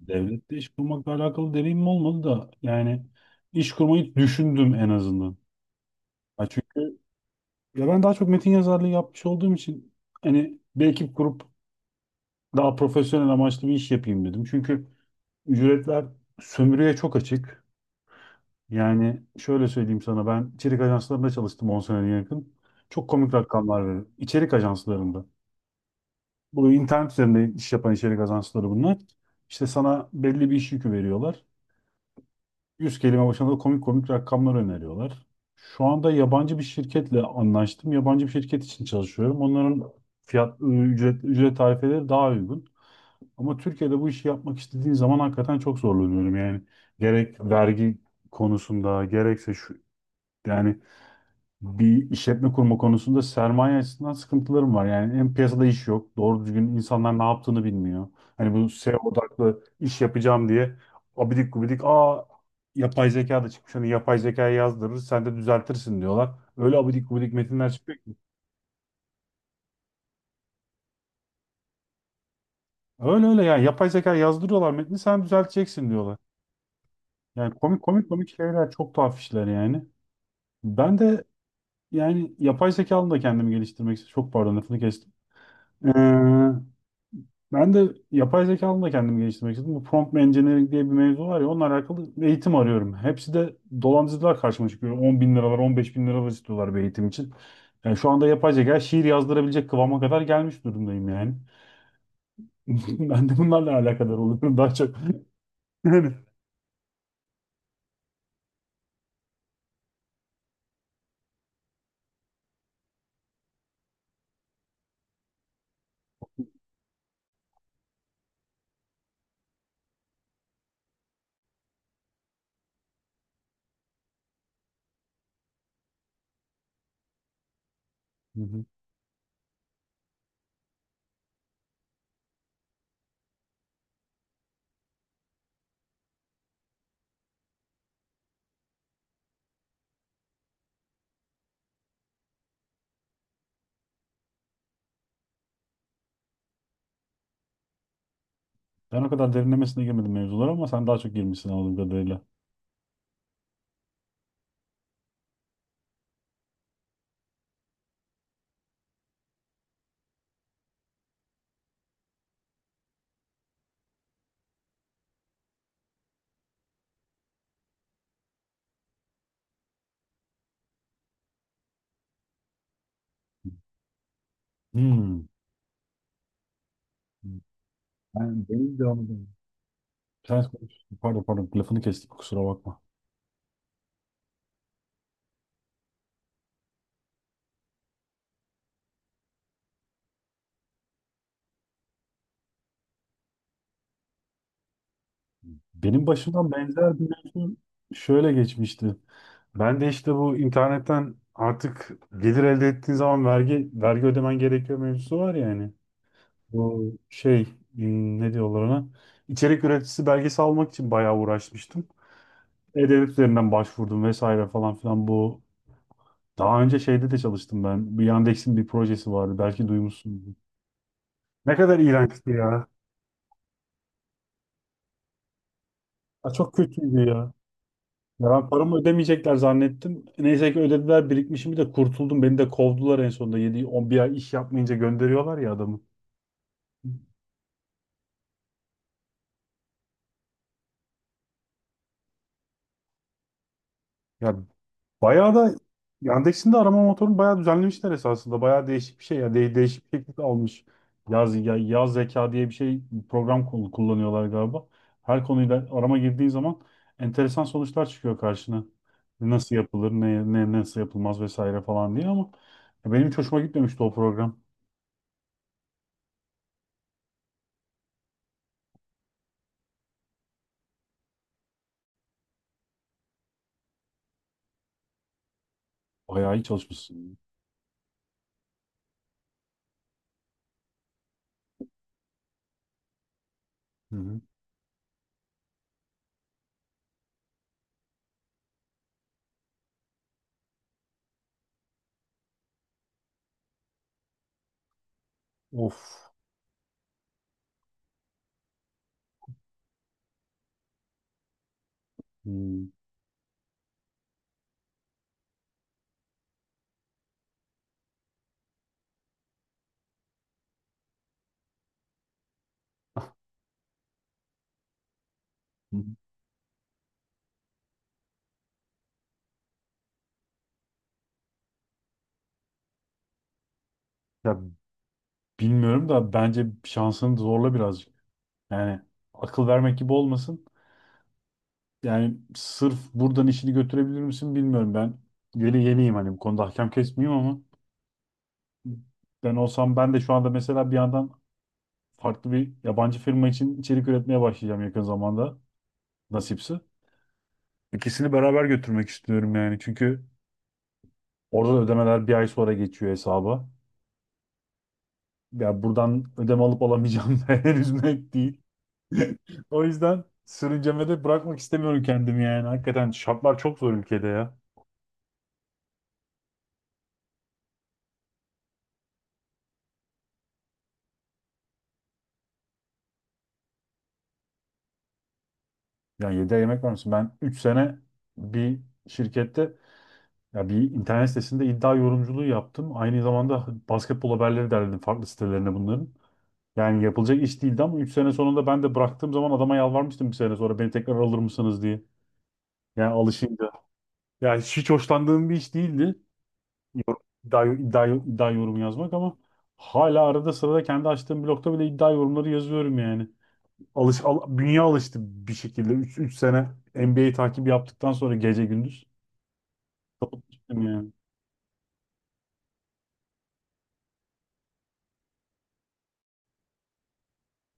Devlette iş kurmakla alakalı deneyimim olmadı da yani iş kurmayı düşündüm en azından. Ha çünkü ya ben daha çok metin yazarlığı yapmış olduğum için hani bir ekip kurup daha profesyonel amaçlı bir iş yapayım dedim. Çünkü ücretler sömürüye çok açık. Yani şöyle söyleyeyim sana, ben içerik ajanslarında çalıştım 10 seneye yakın. Çok komik rakamlar verir İçerik ajanslarında. Bu internet üzerinde iş yapan içerik ajansları bunlar. İşte sana belli bir iş yükü veriyorlar. 100 kelime başına da komik komik rakamlar öneriyorlar. Şu anda yabancı bir şirketle anlaştım. Yabancı bir şirket için çalışıyorum. Onların ücret tarifeleri daha uygun. Ama Türkiye'de bu işi yapmak istediğin zaman hakikaten çok zorlanıyorum. Yani gerek vergi konusunda, gerekse şu yani bir işletme kurma konusunda sermaye açısından sıkıntılarım var. Yani hem piyasada iş yok, doğru düzgün insanlar ne yaptığını bilmiyor. Hani bu SEO odaklı iş yapacağım diye abidik gubidik yapay zeka da çıkmış, hani yapay zekaya yazdırır sen de düzeltirsin diyorlar. Öyle abidik gubidik metinler çıkıyor ki. Öyle öyle yani yapay zeka yazdırıyorlar, metni sen düzelteceksin diyorlar. Yani komik komik komik şeyler, çok tuhaf işler yani. Ben de yani yapay zeka alanında kendimi geliştirmek istiyorum. Çok pardon, lafını kestim. Ee, Ben de yapay zeka alanında kendimi geliştirmek istedim. Bu prompt engineering diye bir mevzu var ya, onunla alakalı eğitim arıyorum. Hepsi de dolandırıcılar karşıma çıkıyor. 10 bin liralar, 15 bin liralar istiyorlar bir eğitim için. Yani şu anda yapay zeka şiir yazdırabilecek kıvama kadar gelmiş durumdayım yani. Ben de bunlarla alakadar oluyorum daha çok. Yani. Hı hı. Ben o kadar derinlemesine girmedim mevzulara, ama sen daha çok girmişsin anladığım kadarıyla. Hmm. Benim de anladım. Sen konuş. Pardon, lafını kestik, kusura bakma. Benim başımdan benzer bir mevzu şöyle geçmişti. Ben de işte bu internetten artık gelir elde ettiğin zaman vergi ödemen gerekiyor mevzusu var ya hani. Bu şey, ne diyorlar ona? İçerik üreticisi belgesi almak için bayağı uğraşmıştım. E-Devlet üzerinden başvurdum vesaire falan filan bu. Daha önce şeyde de çalıştım ben. Bir Yandex'in bir projesi vardı. Belki duymuşsunuz. Ne kadar iğrençti ya. Ya çok kötüydü ya. Ya ben paramı ödemeyecekler zannettim. Neyse ki ödediler, birikmişimi de kurtuldum. Beni de kovdular en sonunda. 7-11 ay iş yapmayınca gönderiyorlar ya adamı. Ya bayağı da Yandex'in de arama motorunu bayağı düzenlemişler esasında. Bayağı değişik bir şey ya. De değişik bir şekilde almış. Yaz zeka diye bir şey, bir program kullanıyorlar galiba. Her konuyla arama girdiğin zaman enteresan sonuçlar çıkıyor karşına. Nasıl yapılır, ne nasıl yapılmaz vesaire falan diye, ama ya benim hiç hoşuma gitmemişti o program. Bayağı iyi çalışmışsın. Hı hı. Of. Hmm. Hı. Ya bilmiyorum da, bence şansını zorla birazcık. Yani akıl vermek gibi olmasın. Yani sırf buradan işini götürebilir misin bilmiyorum ben. Yeni yeniyim hani bu konuda, hakem kesmeyeyim, ama ben olsam, ben de şu anda mesela bir yandan farklı bir yabancı firma için içerik üretmeye başlayacağım yakın zamanda, nasipse. İkisini beraber götürmek istiyorum yani, çünkü orada da ödemeler bir ay sonra geçiyor hesaba. Ya buradan ödeme alıp alamayacağım da henüz net değil. O yüzden sürüncemede bırakmak istemiyorum kendimi yani. Hakikaten şartlar çok zor ülkede ya. Ya 7 ay yemek var mısın? Ben 3 sene bir şirkette, ya bir internet sitesinde iddia yorumculuğu yaptım. Aynı zamanda basketbol haberleri derledim farklı sitelerine bunların. Yani yapılacak iş değildi, ama 3 sene sonunda ben de bıraktığım zaman adama yalvarmıştım bir sene sonra beni tekrar alır mısınız diye. Yani alışınca. Ya hiç hoşlandığım bir iş değildi. Yorum, iddia yorum yazmak, ama hala arada sırada kendi açtığım blogda bile iddia yorumları yazıyorum yani. Bünye alıştı bir şekilde. 3 sene NBA takip yaptıktan sonra gece gündüz. Değil mi yani.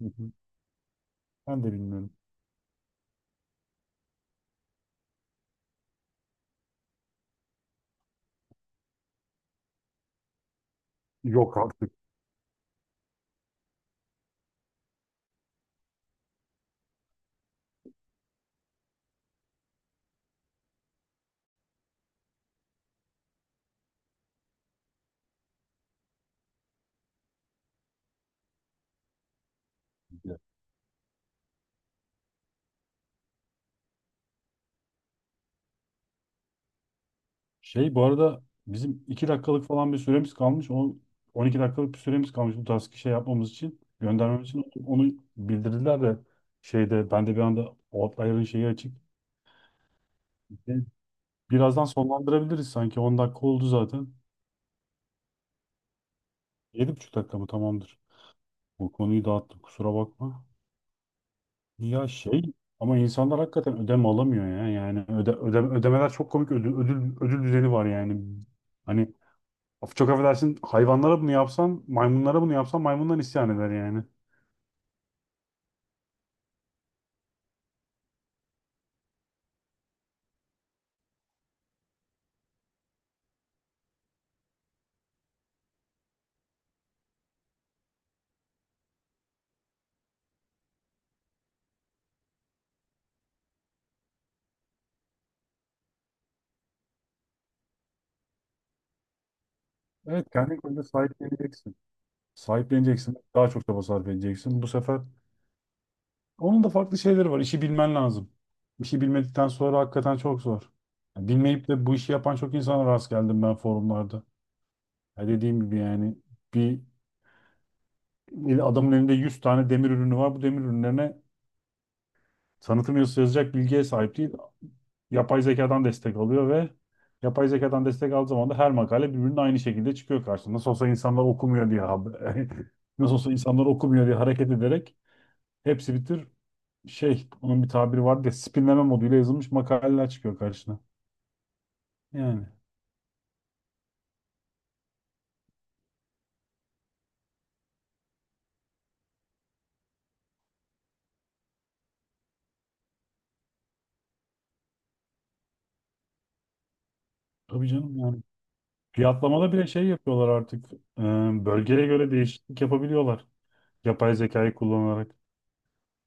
Hı hı. Ben de bilmiyorum. Yok artık. Ya. Şey, bu arada bizim 2 dakikalık falan bir süremiz kalmış. O 12 dakikalık bir süremiz kalmış bu tarz şey yapmamız için. Göndermemiz için onu bildirdiler de, şeyde ben de bir anda Outlier'ın şeyi açık. Birazdan sonlandırabiliriz sanki. 10 dakika oldu zaten. 7,5 dakika mı? Tamamdır. Bu konuyu dağıttım, kusura bakma. Ya şey, ama insanlar hakikaten ödeme alamıyor ya. Yani ödemeler çok komik, ödül düzeni var yani. Hani çok affedersin, hayvanlara bunu yapsan, maymunlara bunu yapsan, maymundan isyan eder yani. Evet, kendi kendine sahipleneceksin. Sahipleneceksin. Daha çok çaba sarf edeceksin. Bu sefer onun da farklı şeyleri var. İşi bilmen lazım. İşi bilmedikten sonra hakikaten çok zor. Yani bilmeyip de bu işi yapan çok insana rast geldim ben forumlarda. Ya dediğim gibi yani, bir adamın elinde 100 tane demir ürünü var. Bu demir ürünlerine tanıtım yazısı yazacak bilgiye sahip değil. Yapay zekadan destek alıyor ve yapay zekadan destek aldığı zaman da her makale birbirinin aynı şekilde çıkıyor karşısına. Nasıl olsa insanlar okumuyor diye haber. Nasıl olsa insanlar okumuyor diye hareket ederek hepsi şey, onun bir tabiri var diye, spinleme moduyla yazılmış makaleler çıkıyor karşına. Yani tabii canım yani. Fiyatlamada bile şey yapıyorlar artık. Ee, bölgeye göre değişiklik yapabiliyorlar. Yapay zekayı kullanarak.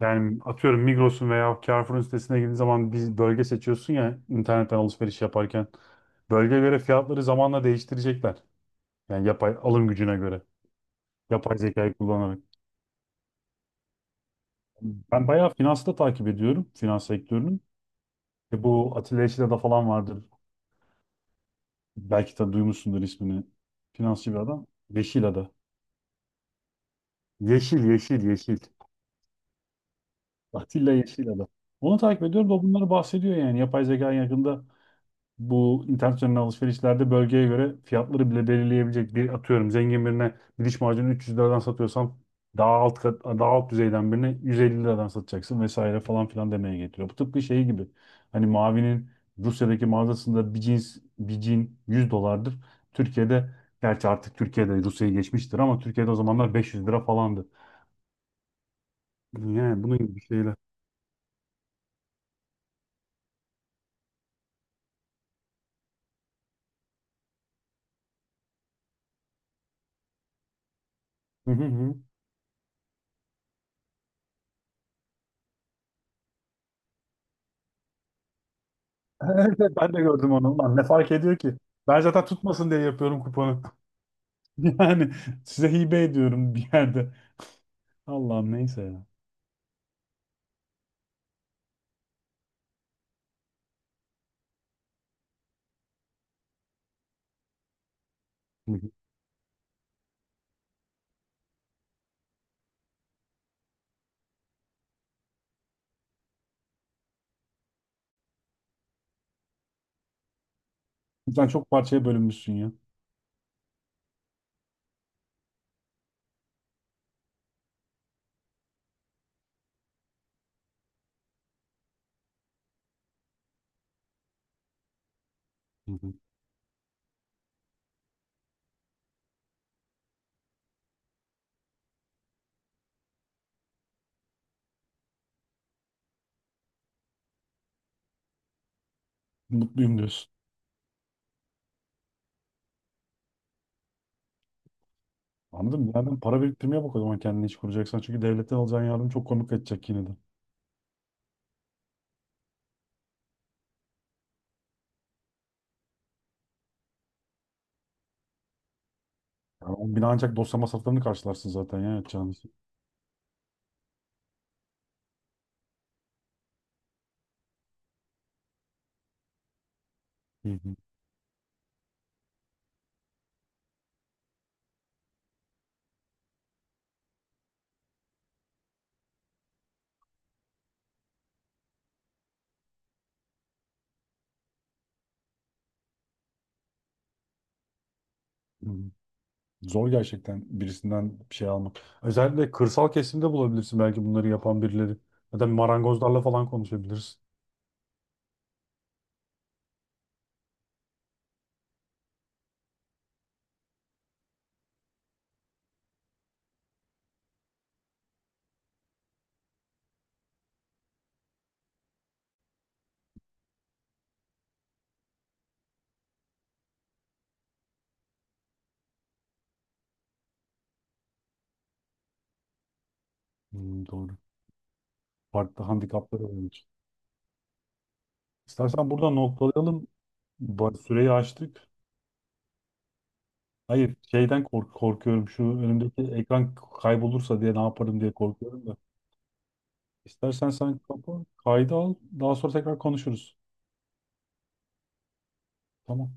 Yani atıyorum Migros'un veya Carrefour'un sitesine girdiğin zaman bir bölge seçiyorsun ya, internetten alışveriş yaparken. Bölgeye göre fiyatları zamanla değiştirecekler. Yani yapay alım gücüne göre. Yapay zekayı kullanarak. Ben bayağı finansı da takip ediyorum, finans sektörünün. E bu Atilla Yeşilada falan vardır. Belki de duymuşsundur ismini. Finansçı bir adam, Yeşilada. Yeşil, yeşil, yeşil. Atilla Yeşilada. Onu takip ediyorum da, o bunları bahsediyor yani. Yapay zeka yakında bu internet üzerinden alışverişlerde bölgeye göre fiyatları bile belirleyebilecek, bir atıyorum zengin birine bir diş macunu 300 liradan satıyorsam, daha alt kat, daha alt düzeyden birine 150 liradan satacaksın vesaire falan filan demeye getiriyor. Bu tıpkı şey gibi, hani Mavi'nin Rusya'daki mağazasında bir cins, bir cin 100 dolardır. Türkiye'de, gerçi artık Türkiye'de Rusya'yı geçmiştir, ama Türkiye'de o zamanlar 500 lira falandı. Yani bunun gibi şeyler. Hı hı hı. Evet, ben de gördüm onu. Lan ne fark ediyor ki? Ben zaten tutmasın diye yapıyorum kuponu. Yani size hibe ediyorum bir yerde. Allah'ım neyse ya. Hı hı, sen çok parçaya bölünmüşsün ya. Hı hı. Mutluyum diyorsun. Anladım. Bir yerden para biriktirmeye bak o zaman, kendini iş kuracaksan. Çünkü devletten alacağın yardım çok komik kaçacak yine de. Yani o bina ancak dosya masraflarını karşılarsın zaten ya, yapacağınız. Hı hı. Hı hı. Zor gerçekten birisinden bir şey almak. Özellikle kırsal kesimde bulabilirsin belki bunları yapan birileri. Ya da marangozlarla falan konuşabilirsin. Hmm, doğru. Farklı handikapları olmuş. İstersen burada noktalayalım. Bu süreyi açtık. Hayır, şeyden korkuyorum. Şu önümdeki ekran kaybolursa diye ne yaparım diye korkuyorum da. İstersen sen kaydı al. Daha sonra tekrar konuşuruz. Tamam.